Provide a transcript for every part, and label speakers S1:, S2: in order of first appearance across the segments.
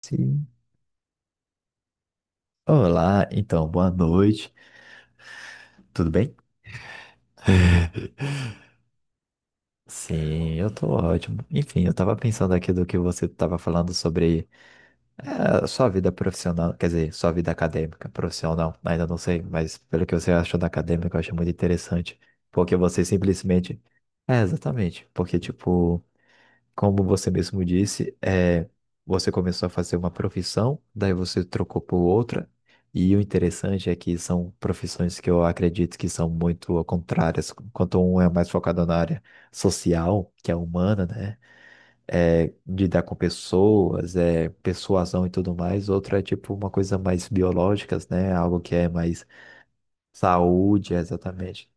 S1: Sim. Olá, então, boa noite. Tudo bem? Sim, eu tô ótimo. Enfim, eu tava pensando aqui do que você tava falando sobre sua vida profissional, quer dizer, sua vida acadêmica, profissional, ainda não sei, mas pelo que você achou da acadêmica, eu achei muito interessante, porque você simplesmente... É, exatamente, porque, tipo, como você mesmo disse, é, você começou a fazer uma profissão, daí você trocou por outra, e o interessante é que são profissões que eu acredito que são muito contrárias, enquanto um é mais focado na área social, que é humana, né? É, lidar com pessoas, é, persuasão e tudo mais, outra é tipo uma coisa mais biológica, né? Algo que é mais saúde, exatamente.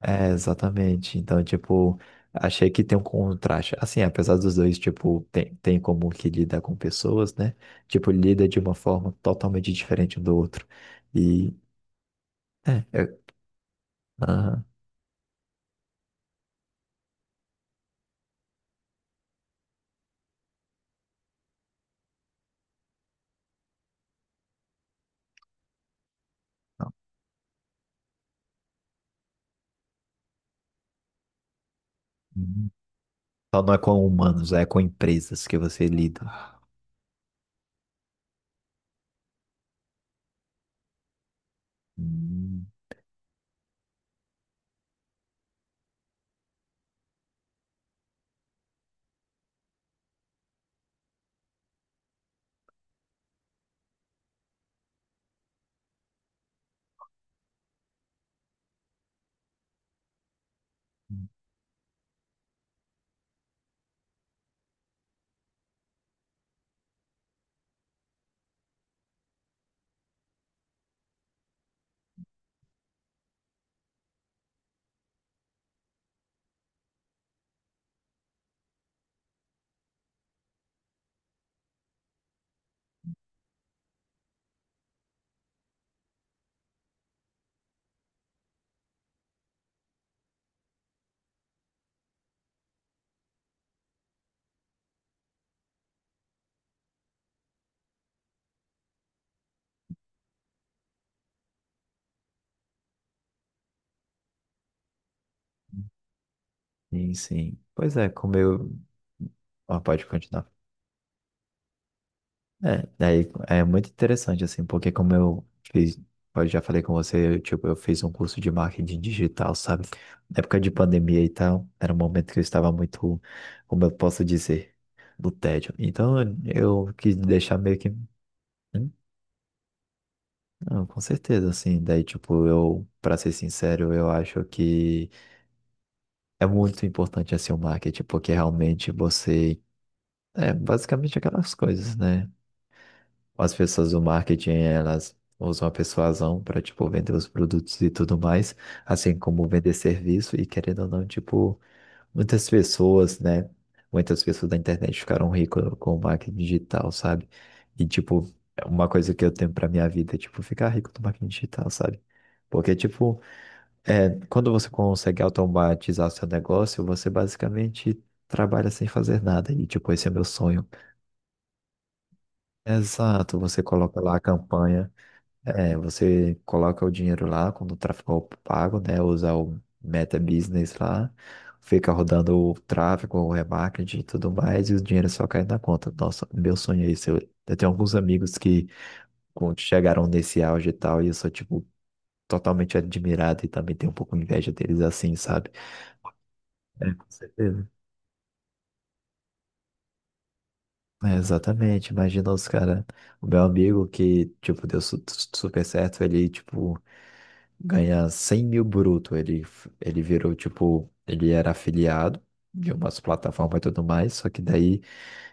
S1: É, exatamente. Então, tipo, achei que tem um contraste. Assim, apesar dos dois, tipo, tem como que lida com pessoas, né? Tipo, lida de uma forma totalmente diferente um do outro. E, é, eu, aham. Não. Uhum. Então não é com humanos, é com empresas que você lida. Hum. Sim, sim. Pois é, como eu... Ah, pode continuar. É, daí é muito interessante, assim, porque como eu fiz, eu já falei com você, eu, tipo, eu fiz um curso de marketing digital, sabe? Na época de pandemia e tal, era um momento que eu estava muito, como eu posso dizer, no tédio. Então eu quis deixar meio que. Hum, não, com certeza, assim, daí, tipo, eu, para ser sincero, eu acho que é muito importante, assim, o marketing, porque realmente você. É basicamente aquelas coisas, né? As pessoas do marketing, elas usam a persuasão para, tipo, vender os produtos e tudo mais, assim como vender serviço e querendo ou não, tipo, muitas pessoas, né? Muitas pessoas da internet ficaram ricas com o marketing digital, sabe? E, tipo, é uma coisa que eu tenho para minha vida é, tipo, ficar rico do marketing digital, sabe? Porque, tipo, é, quando você consegue automatizar seu negócio, você basicamente trabalha sem fazer nada. E, tipo, esse é meu sonho. Exato, você coloca lá a campanha. É, você coloca o dinheiro lá quando o tráfego é pago, né? Usa o Meta Business lá, fica rodando o tráfego, o remarketing e tudo mais, e o dinheiro só cai na conta. Nossa, meu sonho é isso. Eu tenho alguns amigos que quando chegaram nesse auge e tal, e eu sou, tipo, totalmente admirado e também tenho um pouco inveja deles assim, sabe? É, com certeza. É, exatamente. Imagina os caras. O meu amigo que, tipo, deu super certo, ele, tipo. Ganha 100 mil bruto. Ele virou, tipo, ele era afiliado de umas plataformas e tudo mais, só que daí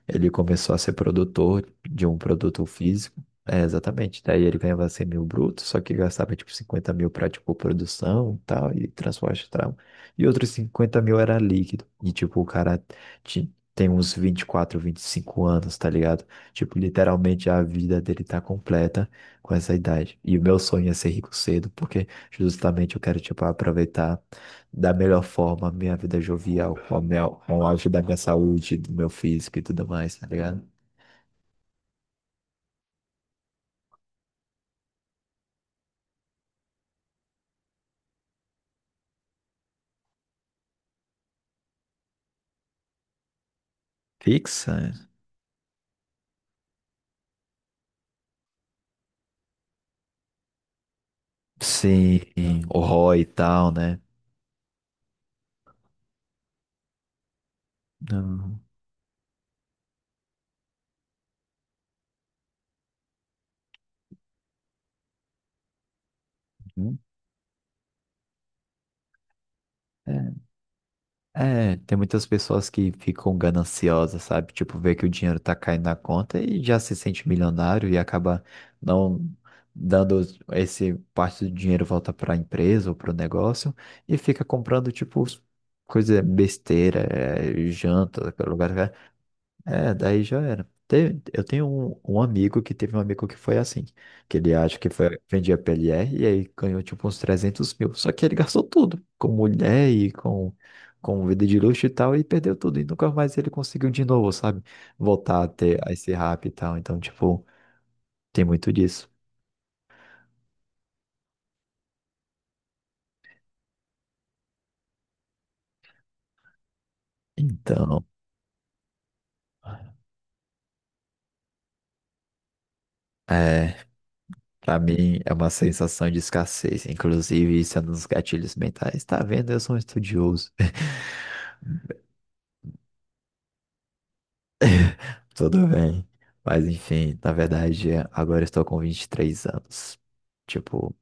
S1: ele começou a ser produtor de um produto físico. É, exatamente. Daí ele ganhava 100 mil brutos, só que gastava tipo 50 mil para tipo produção e tal, e transporte e tal. E outros 50 mil era líquido. E tipo, o cara tem uns 24, 25 anos, tá ligado? Tipo, literalmente a vida dele tá completa com essa idade. E o meu sonho é ser rico cedo, porque justamente eu quero tipo aproveitar da melhor forma a minha vida jovial, com o auge da minha saúde, do meu físico e tudo mais, tá ligado? Fixa? Sim, o Roy e tal, né? Não. Uhum. É, tem muitas pessoas que ficam gananciosas, sabe? Tipo, vê que o dinheiro tá caindo na conta e já se sente milionário e acaba não dando esse parte do dinheiro volta para a empresa ou para o negócio e fica comprando, tipo, coisa besteira, é, janta, lugar. É, daí já era. Eu tenho um amigo que teve um amigo que foi assim, que ele acha que foi, vendia PLR e aí ganhou tipo uns 300 mil. Só que ele gastou tudo, com mulher e com vida de luxo e tal, e perdeu tudo. E nunca mais ele conseguiu de novo, sabe? Voltar a ter a esse rap e tal. Então, tipo, tem muito disso. Então, é, pra mim é uma sensação de escassez. Inclusive, isso é um dos gatilhos mentais. Tá vendo? Eu sou um estudioso. Tudo bem. Mas enfim, na verdade, agora eu estou com 23 anos. Tipo,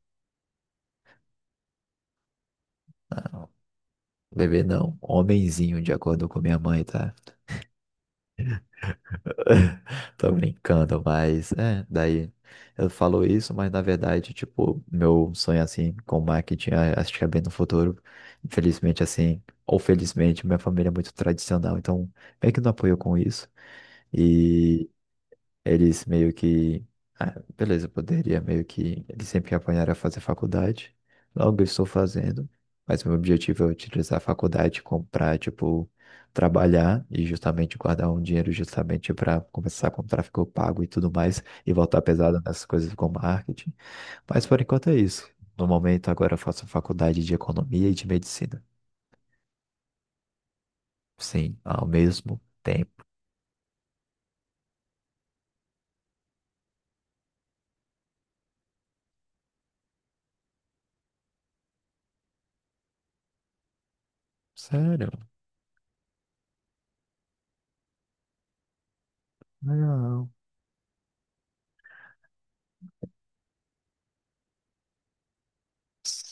S1: não, bebê não, homenzinho, de acordo com minha mãe, tá? Tô brincando, mas é, daí eu falo isso, mas na verdade, tipo, meu sonho assim com marketing, acho que é bem no futuro. Infelizmente, assim, ou felizmente, minha família é muito tradicional, então meio que não apoio com isso. E eles meio que. Ah, beleza, eu poderia meio que. Eles sempre me apanharam a fazer faculdade. Logo eu estou fazendo. Mas meu objetivo é utilizar a faculdade, comprar, tipo, trabalhar e justamente guardar um dinheiro justamente para começar com tráfego pago e tudo mais e voltar pesado nessas coisas com marketing. Mas por enquanto é isso. No momento agora eu faço faculdade de economia e de medicina. Sim, ao mesmo tempo. Sério? Não.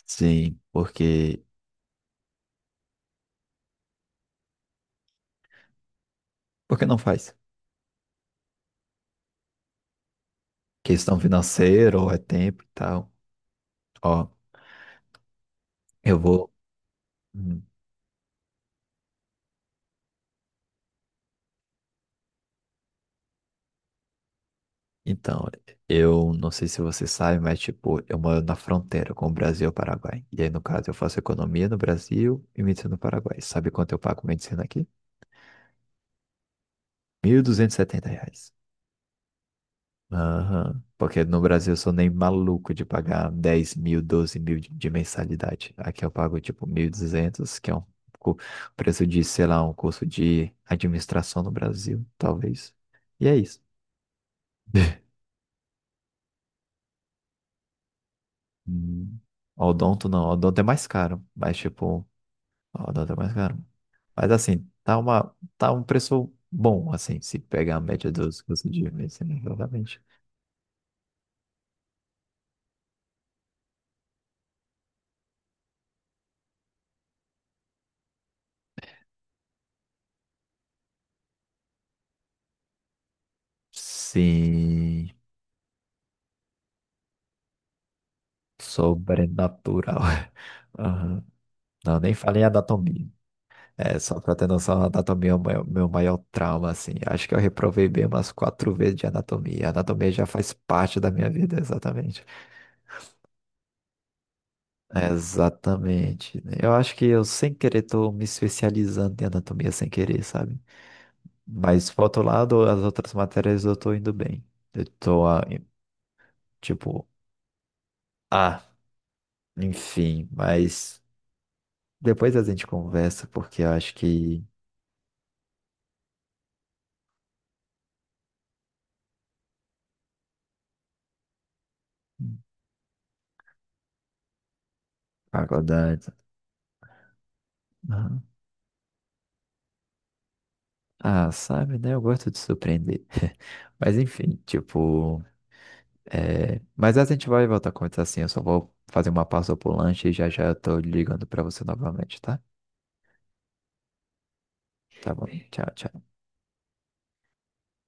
S1: Sim, porque. Por que não faz? Questão financeira ou é tempo e tal. Ó, eu vou. Hum. Então, eu não sei se você sabe, mas tipo, eu moro na fronteira com o Brasil e o Paraguai. E aí, no caso, eu faço economia no Brasil e medicina no Paraguai. Sabe quanto eu pago medicina aqui? R$ 1.270. Aham. Porque no Brasil eu sou nem maluco de pagar 10 mil, 12 mil de mensalidade. Aqui eu pago tipo 1.200 que é um cu- preço de, sei lá, um curso de administração no Brasil, talvez. E é isso. Hum. Odonto não, odonto é mais caro, mas tipo, odonto é mais caro. Mas assim, tá um preço bom, assim, se pegar a média dos custos de medicina, exatamente. Sim, sobrenatural. Aham. Não, nem falei em anatomia. É, só pra ter noção, a anatomia é o meu maior trauma, assim. Acho que eu reprovei bem umas quatro vezes de anatomia. A anatomia já faz parte da minha vida, exatamente. Exatamente, né? Eu acho que eu, sem querer, tô me especializando em anatomia sem querer, sabe? Mas, por outro lado, as outras matérias eu tô indo bem. Eu tô, ah, tipo, ah, enfim, mas depois a gente conversa, porque eu acho que faculdade. Aham. Ah, sabe, né? Eu gosto de surpreender. Mas, enfim, tipo. É... Mas a gente vai voltar a conversar assim. Eu só vou fazer uma pausa pro lanche e já já eu tô ligando pra você novamente, tá? Tá bom. Tchau, tchau.